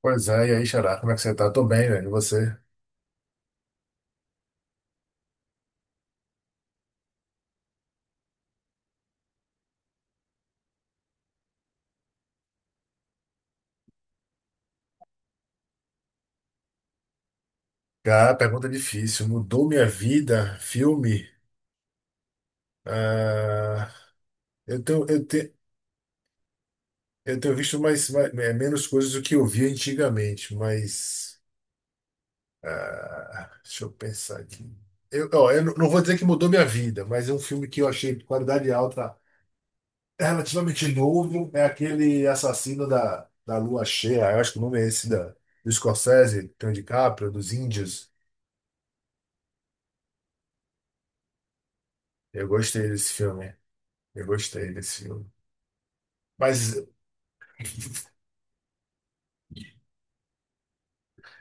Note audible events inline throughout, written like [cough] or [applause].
Pois é, e aí, Xará, como é que você tá? Tô bem, velho. E você? Cara, pergunta difícil. Mudou minha vida? Filme? Ah, eu tenho, eu tenho, eu tenho visto mais, menos coisas do que eu via antigamente, mas. Deixa eu pensar aqui. Eu, ó, eu não vou dizer que mudou minha vida, mas é um filme que eu achei de qualidade alta, é relativamente novo. É aquele Assassino da Lua Cheia, eu acho que o nome é esse, da, do Scorsese, do DiCaprio, dos Índios. Eu gostei desse filme. Eu gostei desse filme. Mas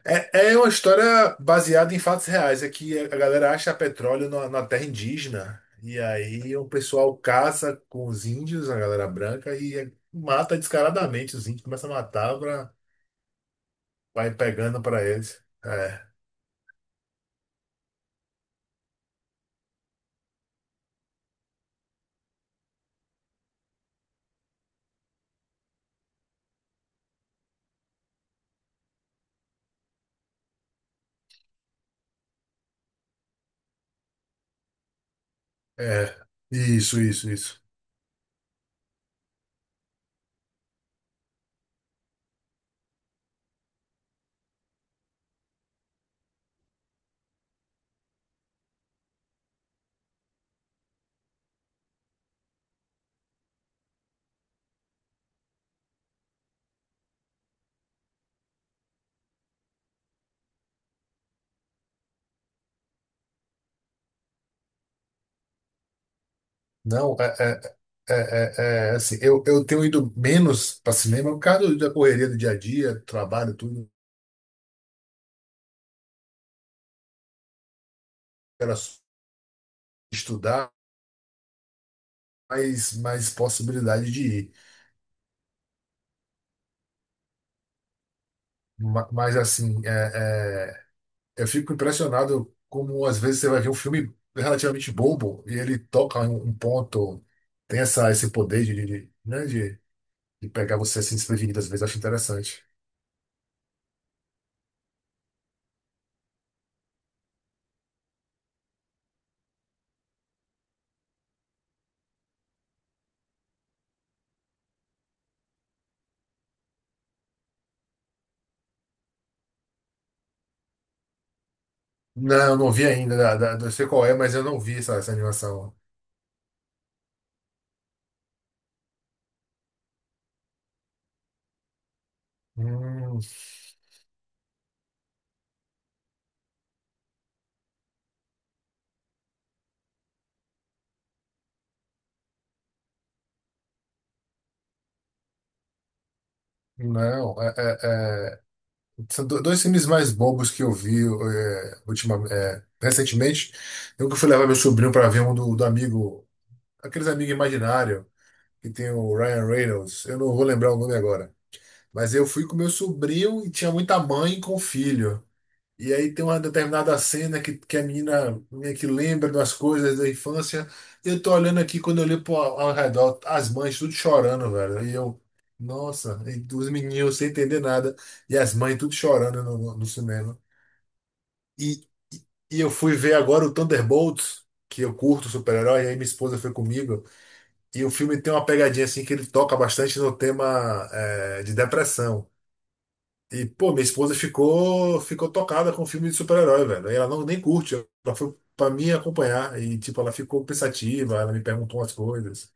é, é uma história baseada em fatos reais. É que a galera acha petróleo na terra indígena. E aí o pessoal caça com os índios, a galera branca, e mata descaradamente os índios. Começa a matar pra, vai pegando pra eles. É, é. Isso, isso, isso. Não, é, é, assim. Eu tenho ido menos para cinema por causa da correria do dia a dia, trabalho, tudo. Era só estudar. Mais possibilidade de ir. Mas assim, eu fico impressionado como às vezes você vai ver um filme relativamente bobo e ele toca em um ponto, tem esse poder de de, pegar você assim desprevenido, às vezes eu acho interessante. Não, eu não vi ainda, eu sei qual é, mas eu não vi essa animação. Hum, não, é, é, é, são dois filmes mais bobos que eu vi ultimamente, recentemente. Eu que fui levar meu sobrinho para ver um do amigo, aqueles amigos imaginários que tem o Ryan Reynolds, eu não vou lembrar o nome agora. Mas eu fui com meu sobrinho e tinha muita mãe com filho. E aí tem uma determinada cena que a menina meio que lembra das coisas da infância. Eu tô olhando aqui, quando eu olho pro, ao redor, as mães tudo chorando, velho. E eu, nossa, e os meninos sem entender nada. E as mães tudo chorando no cinema. E, e eu fui ver agora o Thunderbolts, que eu curto super-herói, e aí minha esposa foi comigo. E o filme tem uma pegadinha assim que ele toca bastante no tema de depressão. E, pô, minha esposa ficou tocada com filme de super-herói, velho. E ela não nem curte, ela foi pra me acompanhar. E, tipo, ela ficou pensativa, ela me perguntou umas coisas.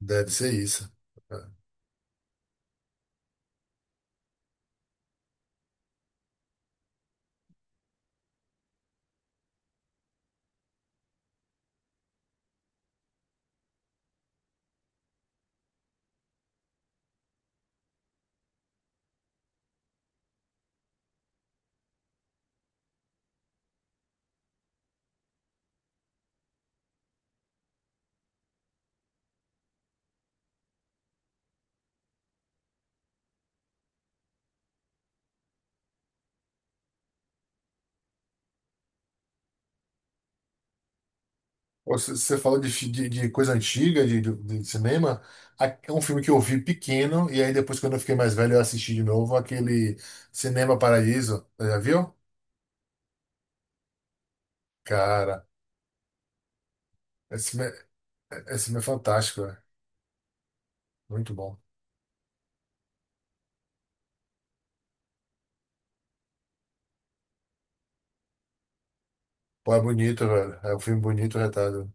Deve ser isso. É. Ou se- Você falou de coisa antiga, de cinema. É um filme que eu vi pequeno, e aí depois, quando eu fiquei mais velho, eu assisti de novo aquele Cinema Paraíso. Já viu? Cara, esse filme esse filme é fantástico. Muito bom. Pô, é bonito, velho. É um filme bonito, retado.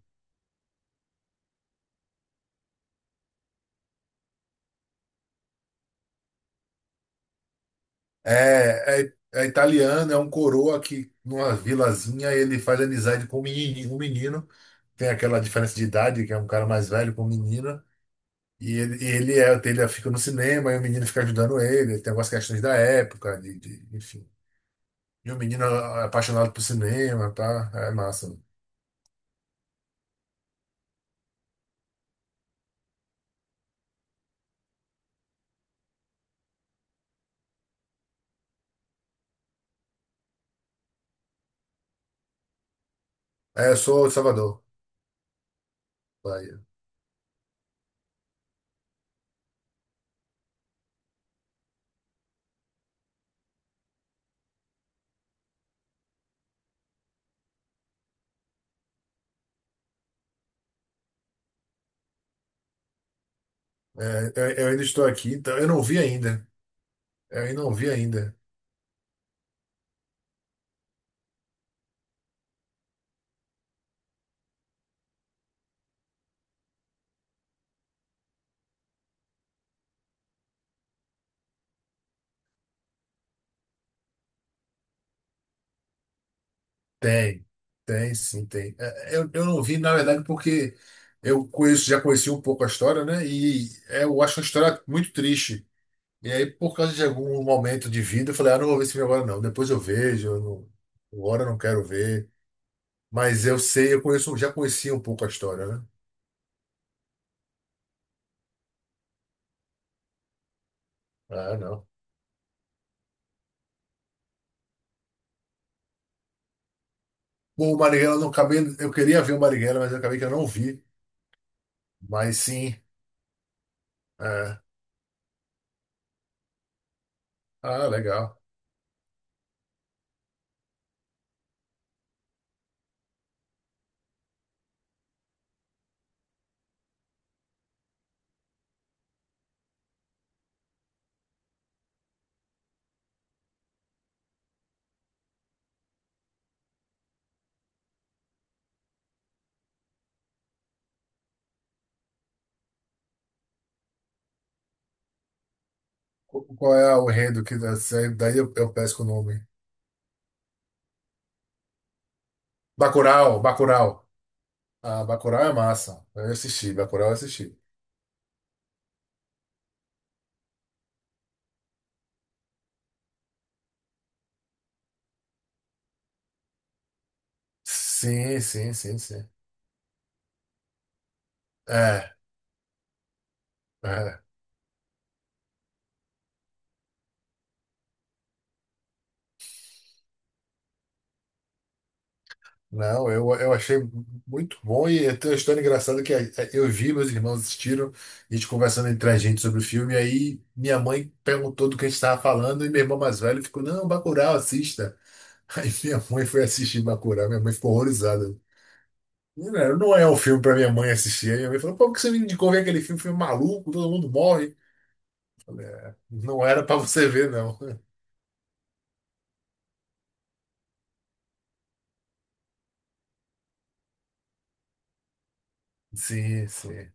É italiano, é um coroa que numa vilazinha ele faz amizade com um menino, um menino. Tem aquela diferença de idade, que é um cara mais velho com um menino. E ele, ele fica no cinema e o menino fica ajudando ele. Tem algumas questões da época, enfim. E o menino é apaixonado por cinema, tá? É massa. É, eu sou de Salvador, Bahia. É, eu ainda estou aqui, então eu não vi ainda. Eu ainda não vi ainda. Tem, tem, sim, tem. É, eu não vi, na verdade, porque eu conheço, já conheci um pouco a história, né? E é, eu acho uma história muito triste. E aí, por causa de algum momento de vida, eu falei, ah, não vou ver esse filme agora, não. Depois eu vejo, eu não, agora eu não quero ver. Mas eu sei, eu conheço, já conhecia um pouco a história, né? Ah, não. Bom, o Marighella, eu não acabei, eu queria ver o Marighella, mas eu acabei que eu não vi. Mas sim, é. Ah, legal. Qual é o enredo que daí eu peço o nome? Bacurau, Bacurau. Ah, Bacurau é massa. Eu assisti, Bacurau eu assisti. Sim, sim, sim, sim. É, é. Não, eu achei muito bom e tem uma história engraçada que é, eu vi, meus irmãos assistiram, a gente conversando entre a gente sobre o filme, e aí minha mãe perguntou do que a gente estava falando e meu irmão mais velho ficou, não, Bacurau, assista. [laughs] Aí minha mãe foi assistir Bacurau, minha mãe ficou horrorizada. Não, não é um filme para minha mãe assistir. Aí minha mãe falou, pô, por que você me indicou ver aquele filme, filme é maluco, todo mundo morre. Eu falei, é, não era para você ver, não. Sim, sim.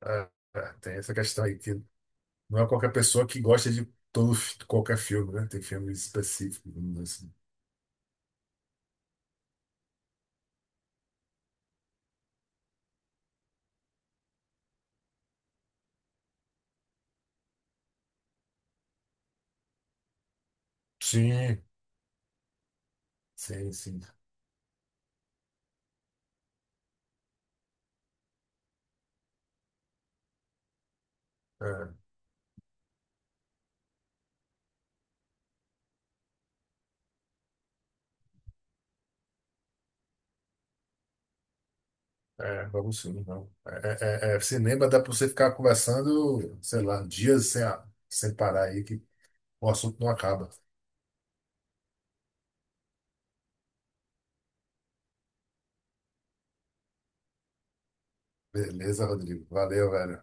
Ah, ah, tem essa questão aí, que não é qualquer pessoa que gosta de qualquer filme, né? Tem filmes específicos, vamos dizer assim. Sim, sim, sim. É, vamos sim, não. Cinema dá para você ficar conversando, sei lá, dias sem, sem parar aí, que o assunto não acaba. Beleza, Rodrigo? Valeu, velho.